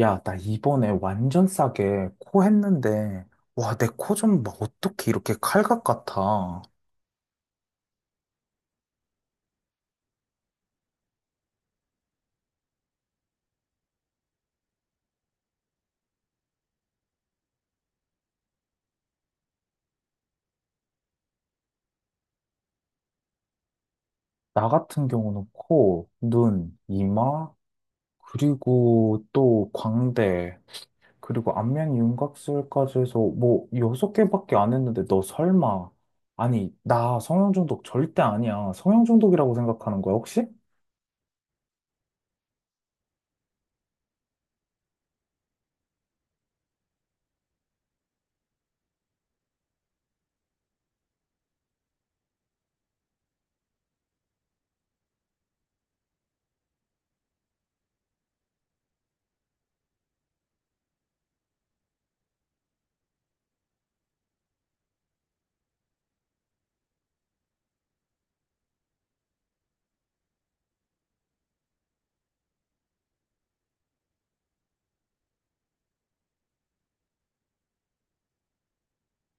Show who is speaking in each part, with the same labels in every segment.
Speaker 1: 야, 나 이번에 완전 싸게 코 했는데, 와, 내 코 좀 막 어떻게 이렇게 칼각 같아. 나 같은 경우는 코, 눈, 이마, 그리고 또 광대, 그리고 안면 윤곽술까지 해서 뭐 여섯 개밖에 안 했는데 너 설마. 아니, 나 성형 중독 절대 아니야. 성형 중독이라고 생각하는 거야, 혹시?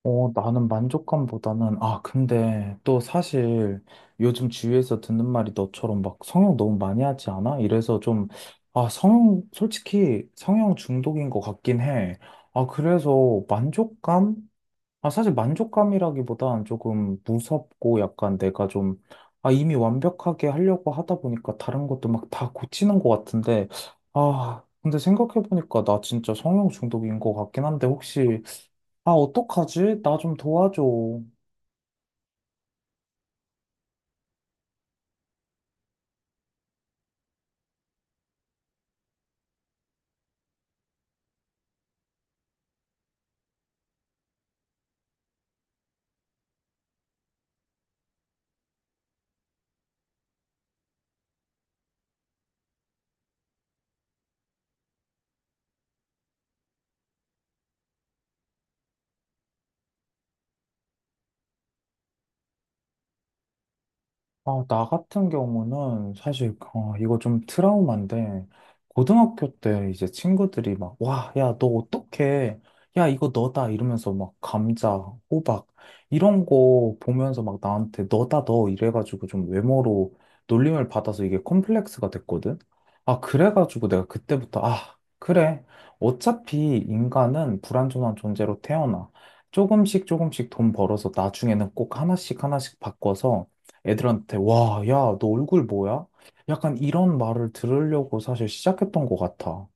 Speaker 1: 어, 나는 만족감보다는, 아, 근데 또 사실 요즘 주위에서 듣는 말이 너처럼 막 성형 너무 많이 하지 않아? 이래서 좀, 아, 성형, 솔직히 성형 중독인 것 같긴 해. 아, 그래서 만족감? 아, 사실 만족감이라기보단 조금 무섭고 약간 내가 좀, 아, 이미 완벽하게 하려고 하다 보니까 다른 것도 막 다 고치는 것 같은데, 아, 근데 생각해보니까 나 진짜 성형 중독인 것 같긴 한데 혹시 아, 어떡하지? 나 좀 도와줘. 아, 나 같은 경우는 사실 어, 이거 좀 트라우마인데 고등학교 때 이제 친구들이 막 와, 야, 너 어떡해? 야, 이거 너다 이러면서 막 감자, 호박 이런 거 보면서 막 나한테 너다 너 이래가지고 좀 외모로 놀림을 받아서 이게 컴플렉스가 됐거든. 아, 그래가지고 내가 그때부터 아, 그래. 어차피 인간은 불완전한 존재로 태어나. 조금씩 조금씩 돈 벌어서 나중에는 꼭 하나씩 하나씩 바꿔서 애들한테 와, 야, 너 얼굴 뭐야? 약간 이런 말을 들으려고 사실 시작했던 것 같아.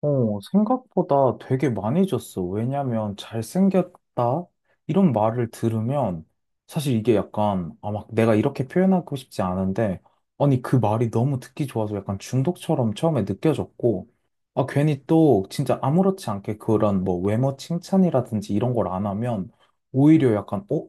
Speaker 1: 어, 생각보다 되게 많이 줬어. 왜냐면 잘생겼다 이런 말을 들으면 사실 이게 약간 아, 막 내가 이렇게 표현하고 싶지 않은데 아니 그 말이 너무 듣기 좋아서 약간 중독처럼 처음에 느껴졌고 아 괜히 또 진짜 아무렇지 않게 그런 뭐 외모 칭찬이라든지 이런 걸 안 하면 오히려 약간 어?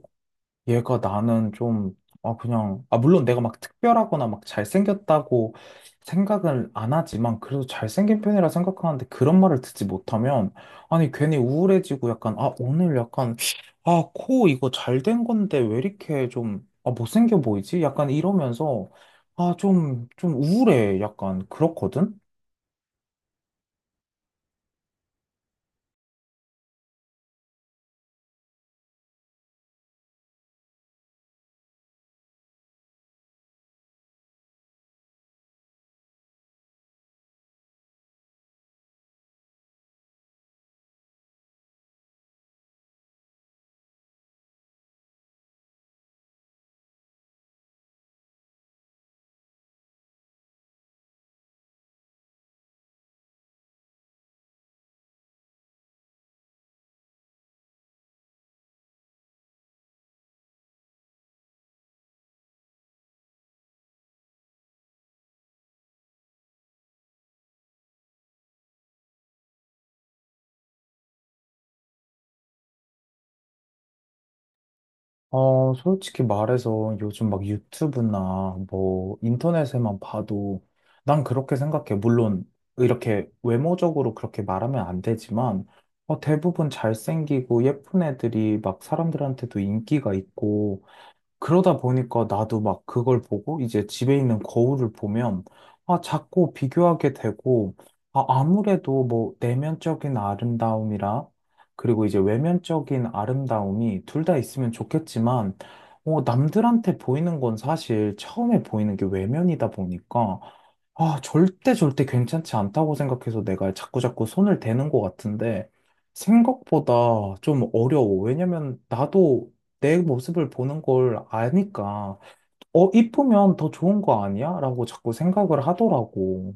Speaker 1: 얘가 나는 좀, 아, 그냥, 아, 물론 내가 막 특별하거나 막 잘생겼다고 생각을 안 하지만, 그래도 잘생긴 편이라 생각하는데 그런 말을 듣지 못하면, 아니, 괜히 우울해지고 약간, 아, 오늘 약간, 아, 코 이거 잘 된 건데 왜 이렇게 좀, 아, 못생겨 보이지? 약간 이러면서, 아, 좀, 좀 우울해. 약간 그렇거든? 어, 솔직히 말해서 요즘 막 유튜브나 뭐 인터넷에만 봐도 난 그렇게 생각해. 물론 이렇게 외모적으로 그렇게 말하면 안 되지만 어, 대부분 잘생기고 예쁜 애들이 막 사람들한테도 인기가 있고 그러다 보니까 나도 막 그걸 보고 이제 집에 있는 거울을 보면 아, 자꾸 비교하게 되고 아, 아무래도 뭐 내면적인 아름다움이라 그리고 이제 외면적인 아름다움이 둘 다 있으면 좋겠지만 어, 남들한테 보이는 건 사실 처음에 보이는 게 외면이다 보니까 아, 절대 절대 괜찮지 않다고 생각해서 내가 자꾸 자꾸 손을 대는 것 같은데 생각보다 좀 어려워. 왜냐면 나도 내 모습을 보는 걸 아니까, 어, 이쁘면 더 좋은 거 아니야? 라고 자꾸 생각을 하더라고.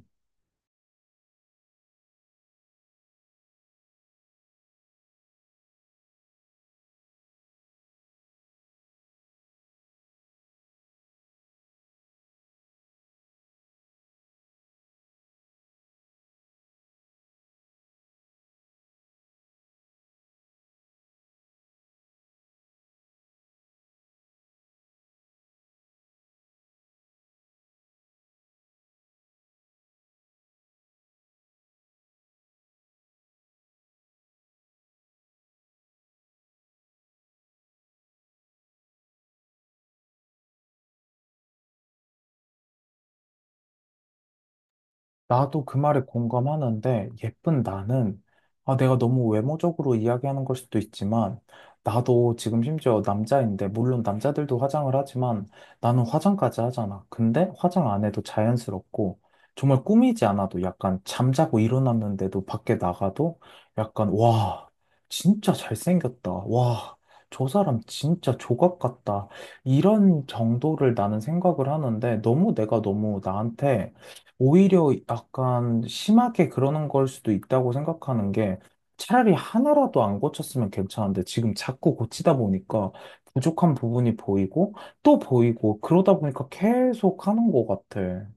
Speaker 1: 나도 그 말에 공감하는데, 예쁜 나는, 아, 내가 너무 외모적으로 이야기하는 걸 수도 있지만, 나도 지금 심지어 남자인데, 물론 남자들도 화장을 하지만, 나는 화장까지 하잖아. 근데 화장 안 해도 자연스럽고, 정말 꾸미지 않아도 약간 잠자고 일어났는데도 밖에 나가도 약간, 와, 진짜 잘생겼다. 와, 저 사람 진짜 조각 같다. 이런 정도를 나는 생각을 하는데, 너무 내가 너무 나한테 오히려 약간 심하게 그러는 걸 수도 있다고 생각하는 게 차라리 하나라도 안 고쳤으면 괜찮은데 지금 자꾸 고치다 보니까 부족한 부분이 보이고 또 보이고 그러다 보니까 계속 하는 것 같아.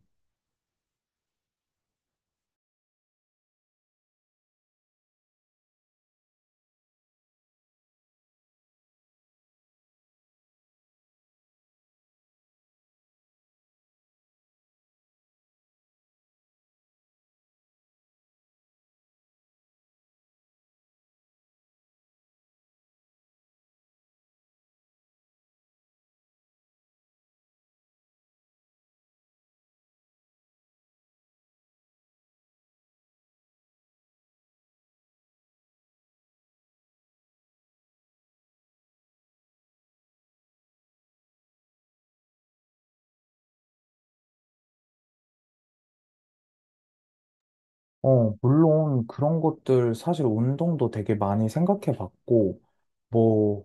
Speaker 1: 어, 물론 그런 것들 사실 운동도 되게 많이 생각해 봤고 뭐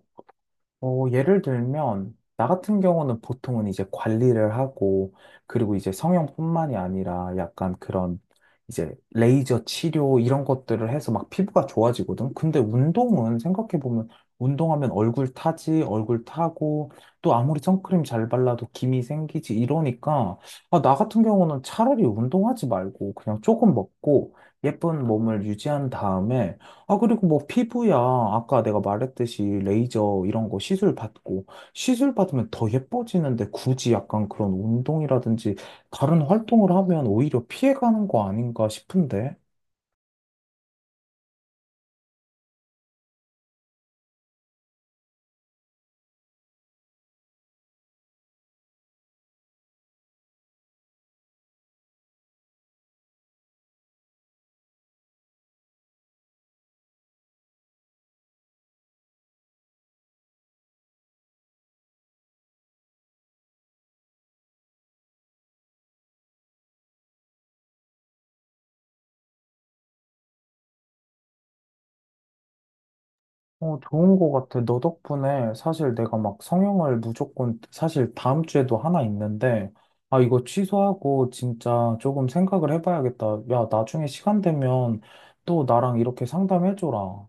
Speaker 1: 어, 예를 들면, 나 같은 경우는 보통은 이제 관리를 하고, 그리고 이제 성형뿐만이 아니라 약간 그런 이제 레이저 치료 이런 것들을 해서 막 피부가 좋아지거든. 근데 운동은 생각해보면, 운동하면 얼굴 타지, 얼굴 타고, 또 아무리 선크림 잘 발라도 김이 생기지 이러니까, 아, 나 같은 경우는 차라리 운동하지 말고 그냥 조금 먹고 예쁜 몸을 유지한 다음에 아, 그리고 뭐 피부야. 아까 내가 말했듯이 레이저 이런 거 시술 받고, 시술 받으면 더 예뻐지는데 굳이 약간 그런 운동이라든지 다른 활동을 하면 오히려 피해가는 거 아닌가 싶은데? 어, 좋은 거 같아. 너 덕분에 사실 내가 막 성형을 무조건, 사실 다음 주에도 하나 있는데, 아, 이거 취소하고 진짜 조금 생각을 해봐야겠다. 야, 나중에 시간 되면 또 나랑 이렇게 상담해줘라.